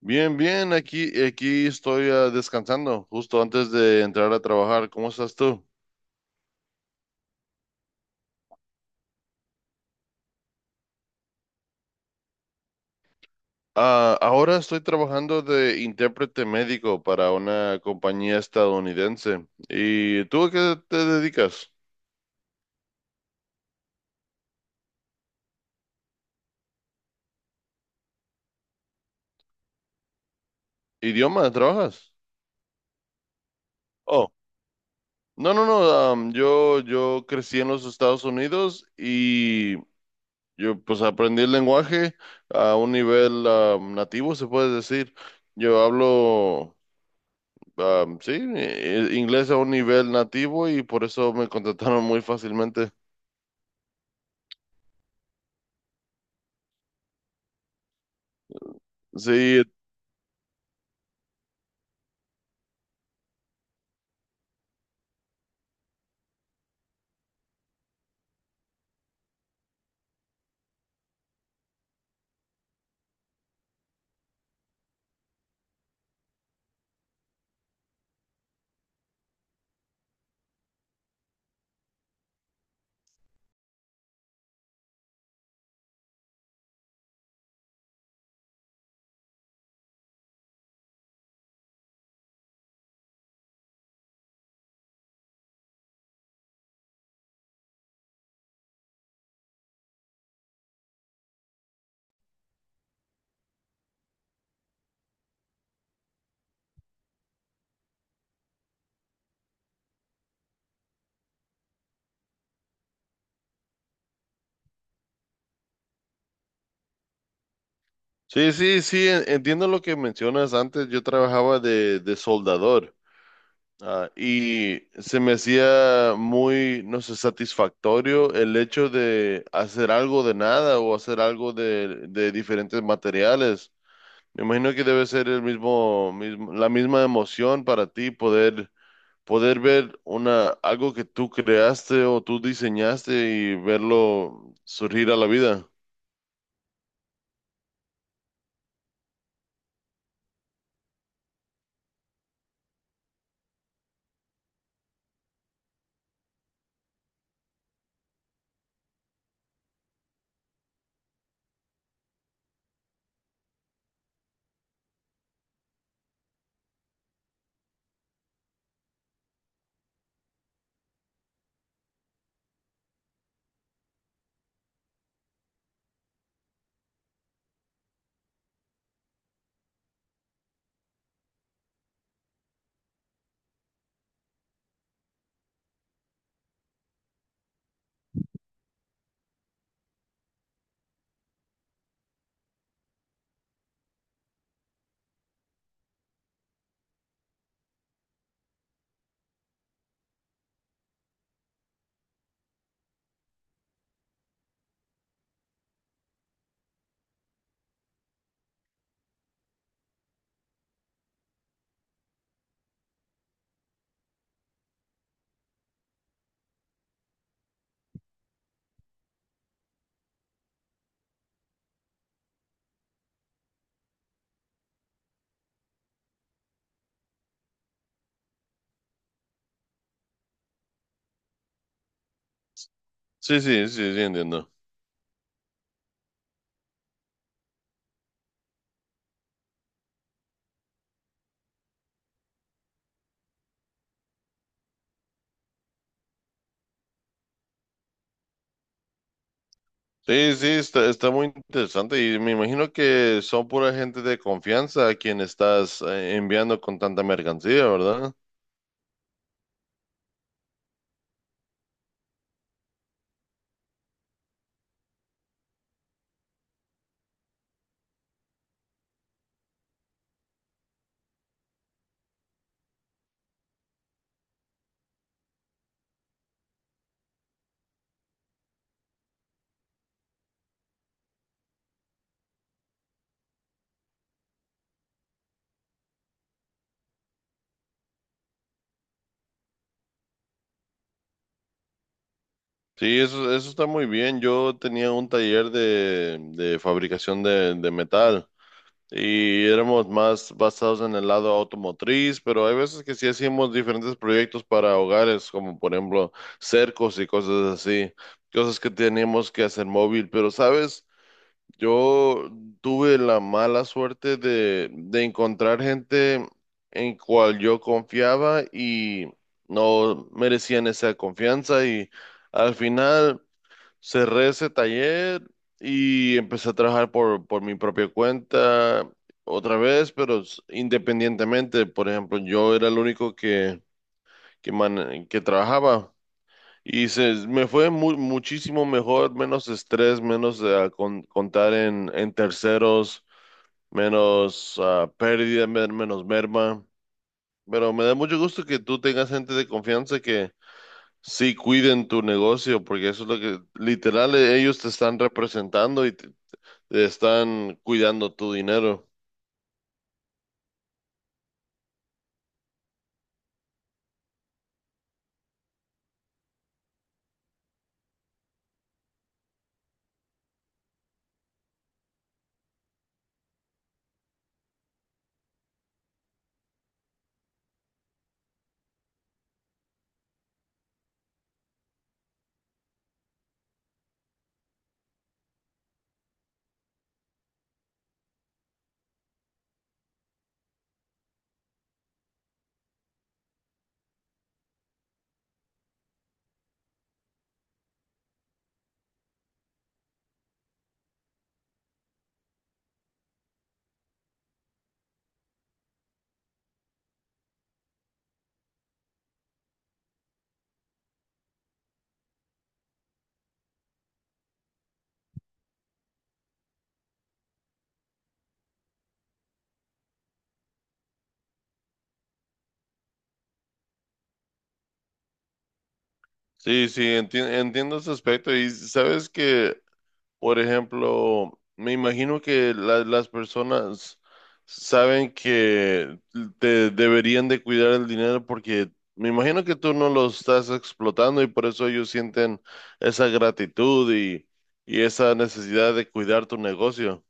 Bien, bien, aquí estoy descansando, justo antes de entrar a trabajar. ¿Cómo estás tú? Ah, ahora estoy trabajando de intérprete médico para una compañía estadounidense. ¿Y tú a qué te dedicas? ¿Idioma? ¿Trabajas? Oh, no, no, no. Yo crecí en los Estados Unidos y yo pues aprendí el lenguaje a un nivel nativo, se puede decir. Yo hablo. Sí, inglés a un nivel nativo y por eso me contrataron muy fácilmente. Sí, sí, sí, sí, entiendo lo que mencionas antes. Yo trabajaba de soldador, y se me hacía muy, no sé, satisfactorio el hecho de hacer algo de nada o hacer algo de diferentes materiales. Me imagino que debe ser el mismo, la misma emoción para ti poder ver una, algo que tú creaste o tú diseñaste y verlo surgir a la vida. Sí, sí, sí, sí, entiendo. Sí, sí, está, está muy interesante y me imagino que son pura gente de confianza a quien estás enviando con tanta mercancía, ¿verdad? Sí, eso está muy bien. Yo tenía un taller de fabricación de metal. Y éramos más basados en el lado automotriz, pero hay veces que sí hacíamos diferentes proyectos para hogares, como por ejemplo cercos y cosas así, cosas que teníamos que hacer móvil, pero sabes, yo tuve la mala suerte de encontrar gente en cual yo confiaba y no merecían esa confianza y al final cerré ese taller y empecé a trabajar por mi propia cuenta otra vez, pero independientemente. Por ejemplo, yo era el único que trabajaba y se, me fue muchísimo mejor, menos estrés, menos contar en terceros, menos pérdida, menos merma. Pero me da mucho gusto que tú tengas gente de confianza. Sí, cuiden tu negocio, porque eso es lo que literal ellos te están representando y te están cuidando tu dinero. Sí, sí, entiendo ese aspecto. Y sabes que, por ejemplo, me imagino que las personas saben que te deberían de cuidar el dinero porque me imagino que tú no lo estás explotando y por eso ellos sienten esa gratitud y esa necesidad de cuidar tu negocio.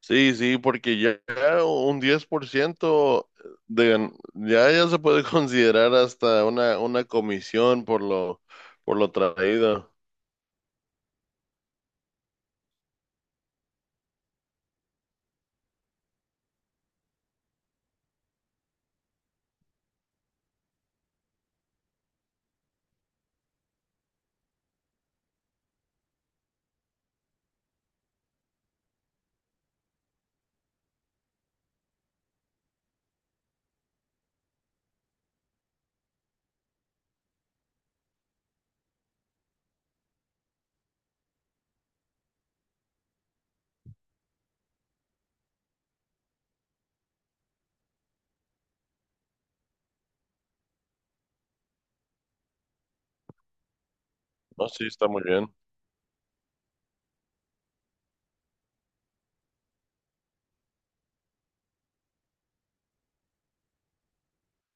Sí, sí, porque ya un 10% de, ya, ya se puede considerar hasta una comisión por lo traído. No, sí, está muy bien.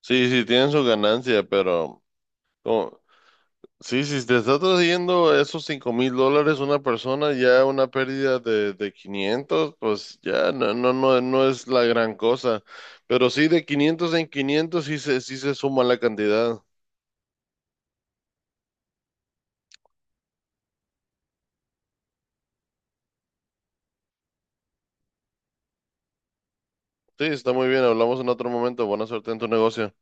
Sí, sí, tienen su ganancia, pero como- sí, si te está trayendo esos $5000 una persona, ya una pérdida de 500, pues ya no, no, no, no es la gran cosa. Pero sí, de 500 en 500 sí se suma la cantidad. Sí, está muy bien. Hablamos en otro momento. Buena suerte en tu negocio.